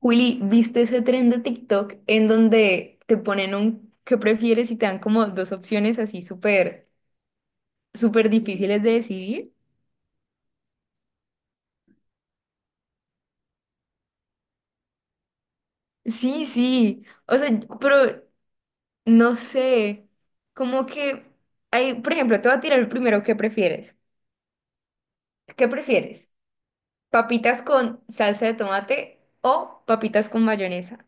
Juli, ¿viste ese tren de TikTok en donde te ponen un qué prefieres y te dan como dos opciones así súper, súper difíciles de decidir? Sí, sí, o sea, pero no sé, como que hay, por ejemplo, te voy a tirar el primero, ¿qué prefieres? ¿Qué prefieres? ¿Papitas con salsa de tomate o papitas con mayonesa?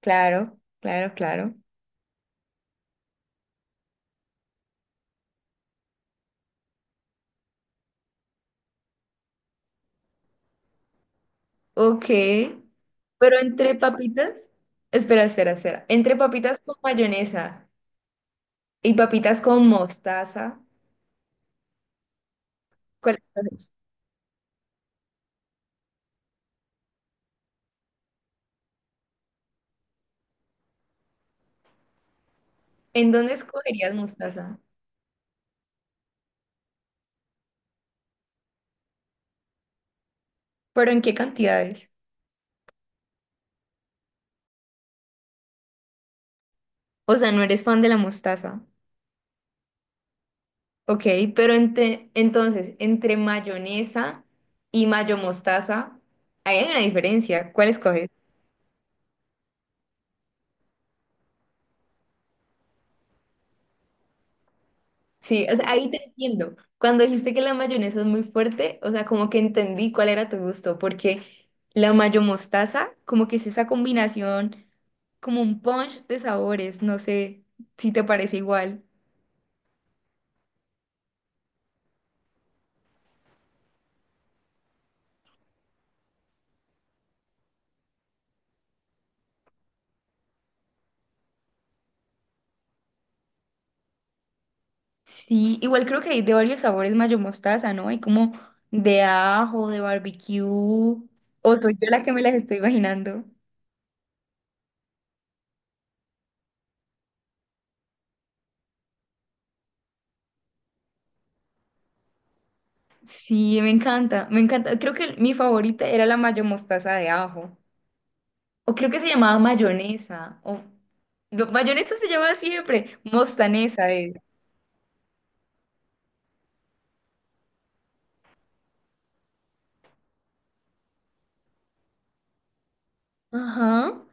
Claro, claro, claro. Ok, pero entre papitas, espera, espera, espera, entre papitas con mayonesa. Y papitas con mostaza. ¿Cuáles escoges? ¿En dónde escogerías mostaza? ¿Pero en qué cantidades? O sea, no eres fan de la mostaza. Ok, pero entonces, entre mayonesa y mayo mostaza, ahí hay una diferencia. ¿Cuál escoges? Sí, o sea, ahí te entiendo. Cuando dijiste que la mayonesa es muy fuerte, o sea, como que entendí cuál era tu gusto, porque la mayo mostaza, como que es esa combinación, como un punch de sabores, no sé si te parece igual. Sí, igual creo que hay de varios sabores mayo mostaza, ¿no? Hay como de ajo, de barbecue, o soy yo la que me las estoy imaginando. Sí, me encanta, me encanta. Creo que mi favorita era la mayo mostaza de ajo, o creo que se llamaba mayonesa, o no, mayonesa se llamaba siempre, mostanesa es. Ajá,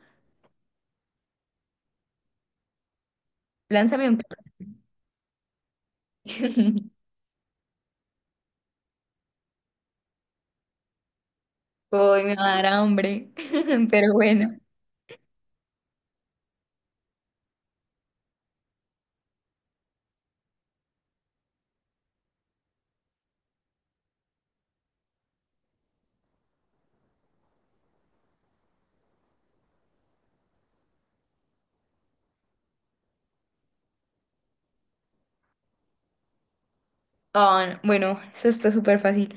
lánzame un... Hoy me va a dar hambre, pero bueno. Ah, bueno, eso está súper fácil.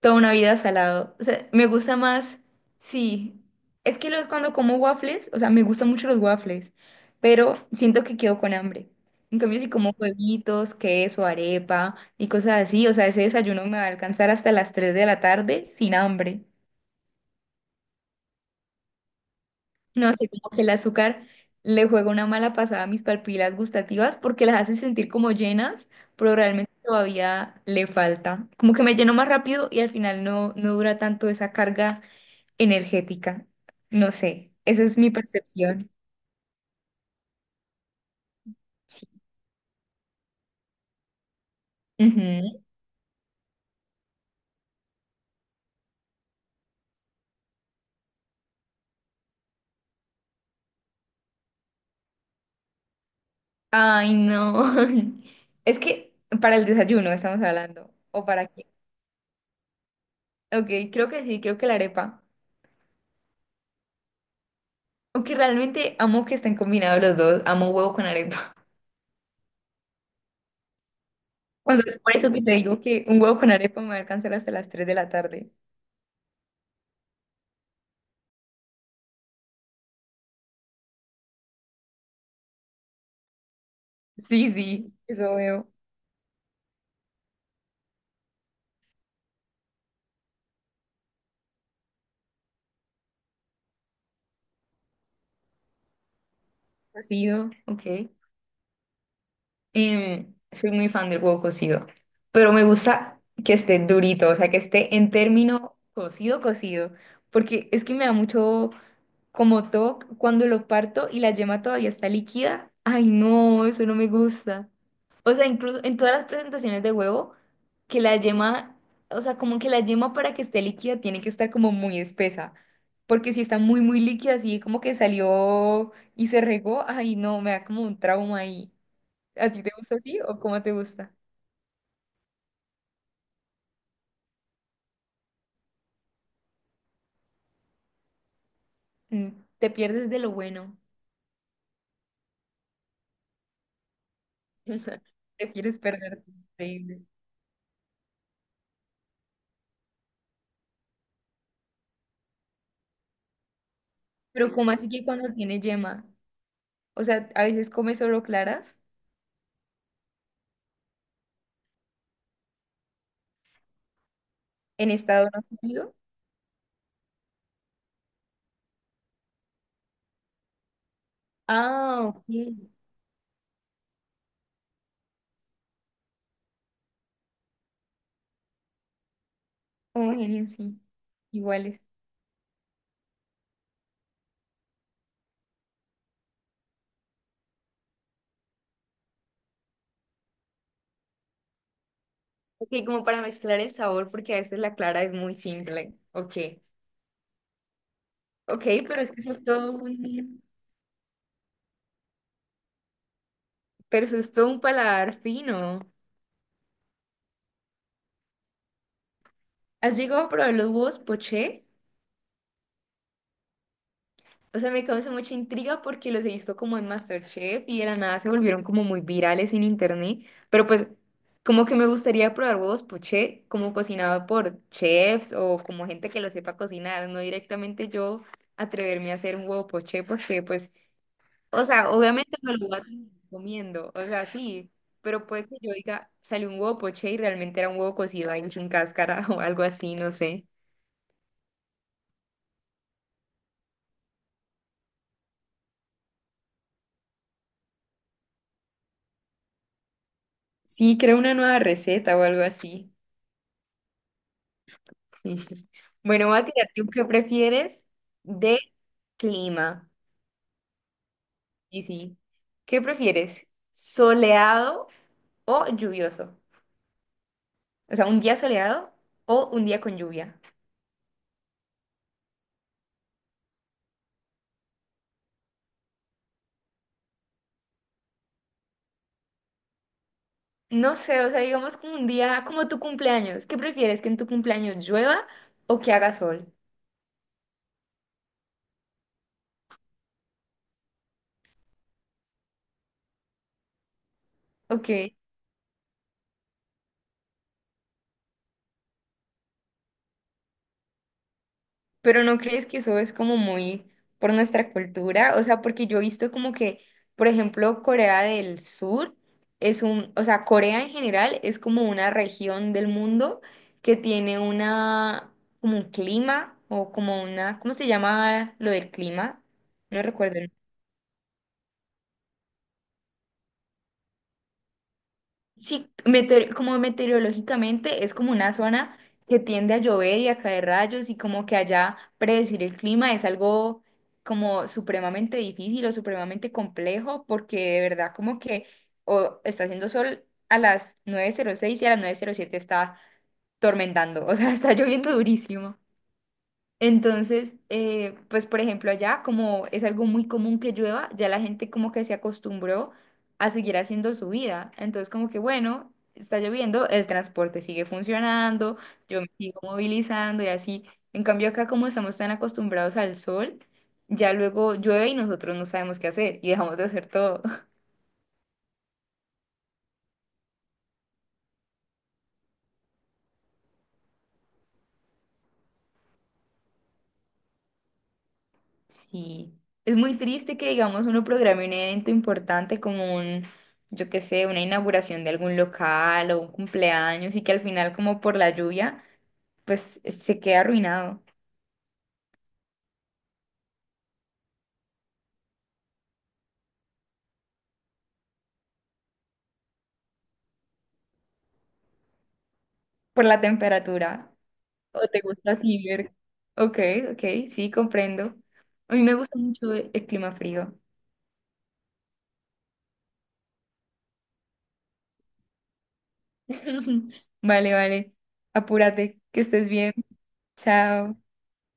Toda una vida salado. O sea, me gusta más, sí. Es que cuando como waffles, o sea, me gustan mucho los waffles, pero siento que quedo con hambre. En cambio, si como huevitos, queso, arepa y cosas así, o sea, ese desayuno me va a alcanzar hasta las 3 de la tarde sin hambre. No sé, como que el azúcar le juega una mala pasada a mis papilas gustativas porque las hace sentir como llenas, pero realmente todavía le falta. Como que me lleno más rápido y al final no dura tanto esa carga energética. No sé, esa es mi percepción. Sí. Ujú. Ay, no. Es que para el desayuno estamos hablando. ¿O para qué? Ok, creo que sí, creo que la arepa. Aunque realmente amo que estén combinados los dos, amo huevo con arepa. O sea, es por eso que te digo que un huevo con arepa me va a alcanzar hasta las 3 de la tarde. Sí, sí, eso veo. Cocido, ok. Soy muy fan del huevo cocido, pero me gusta que esté durito, o sea, que esté en término cocido, cocido, porque es que me da mucho como toque cuando lo parto y la yema todavía está líquida. Ay, no, eso no me gusta. O sea, incluso en todas las presentaciones de huevo, que la yema, o sea, como que la yema para que esté líquida tiene que estar como muy espesa, porque si está muy, muy líquida, así como que salió y se regó, ay, no, me da como un trauma ahí. ¿A ti te gusta así o cómo te gusta? Mm, te pierdes de lo bueno. Te quieres perder. Increíble. Pero ¿cómo así que cuando tiene yema? O sea, a veces come solo claras en estado no sólido. Ah, ok. Homogéneo, sí. Iguales. Ok, como para mezclar el sabor, porque a veces la clara es muy simple. Ok. Ok, pero es que eso es todo un... Pero eso es todo un paladar fino. ¿Has llegado a probar los huevos poché? O sea, me causa mucha intriga porque los he visto como en MasterChef y de la nada se volvieron como muy virales en internet. Pero pues, como que me gustaría probar huevos poché, como cocinado por chefs o como gente que lo sepa cocinar, no directamente yo atreverme a hacer un huevo poché porque pues, o sea, obviamente me lo voy a terminar comiendo, o sea, sí, pero puede que yo diga, salió un huevo poché y realmente era un huevo cocido ahí sin cáscara o algo así, no sé. Sí, creo una nueva receta o algo así. Sí, sí. Bueno, voy a tirarte un qué prefieres de clima. Y sí. ¿Qué prefieres? ¿Soleado o lluvioso? O sea, un día soleado o un día con lluvia. No sé, o sea, digamos como un día como tu cumpleaños. ¿Qué prefieres? ¿Que en tu cumpleaños llueva o que haga sol? Ok. Pero ¿no crees que eso es como muy por nuestra cultura? O sea, porque yo he visto como que, por ejemplo, Corea del Sur es un, o sea, Corea en general es como una región del mundo que tiene una, como un clima o como una, ¿cómo se llama lo del clima? No recuerdo. Sí, como meteorológicamente es como una zona que tiende a llover y a caer rayos y como que allá predecir el clima es algo como supremamente difícil o supremamente complejo porque de verdad como que o está haciendo sol a las 9:06 y a las 9:07 está tormentando, o sea, está lloviendo durísimo. Entonces, pues por ejemplo allá, como es algo muy común que llueva, ya la gente como que se acostumbró a seguir haciendo su vida. Entonces como que bueno, está lloviendo, el transporte sigue funcionando, yo me sigo movilizando y así. En cambio acá como estamos tan acostumbrados al sol, ya luego llueve y nosotros no sabemos qué hacer y dejamos de hacer todo. Sí, es muy triste que, digamos, uno programe un evento importante como un, yo qué sé, una inauguración de algún local o un cumpleaños y que al final, como por la lluvia, pues se queda arruinado por la temperatura. ¿O te gusta así ver? Ok, ok, sí, comprendo. A mí me gusta mucho el clima frío. Vale, vale. Apúrate, que estés bien. Chao.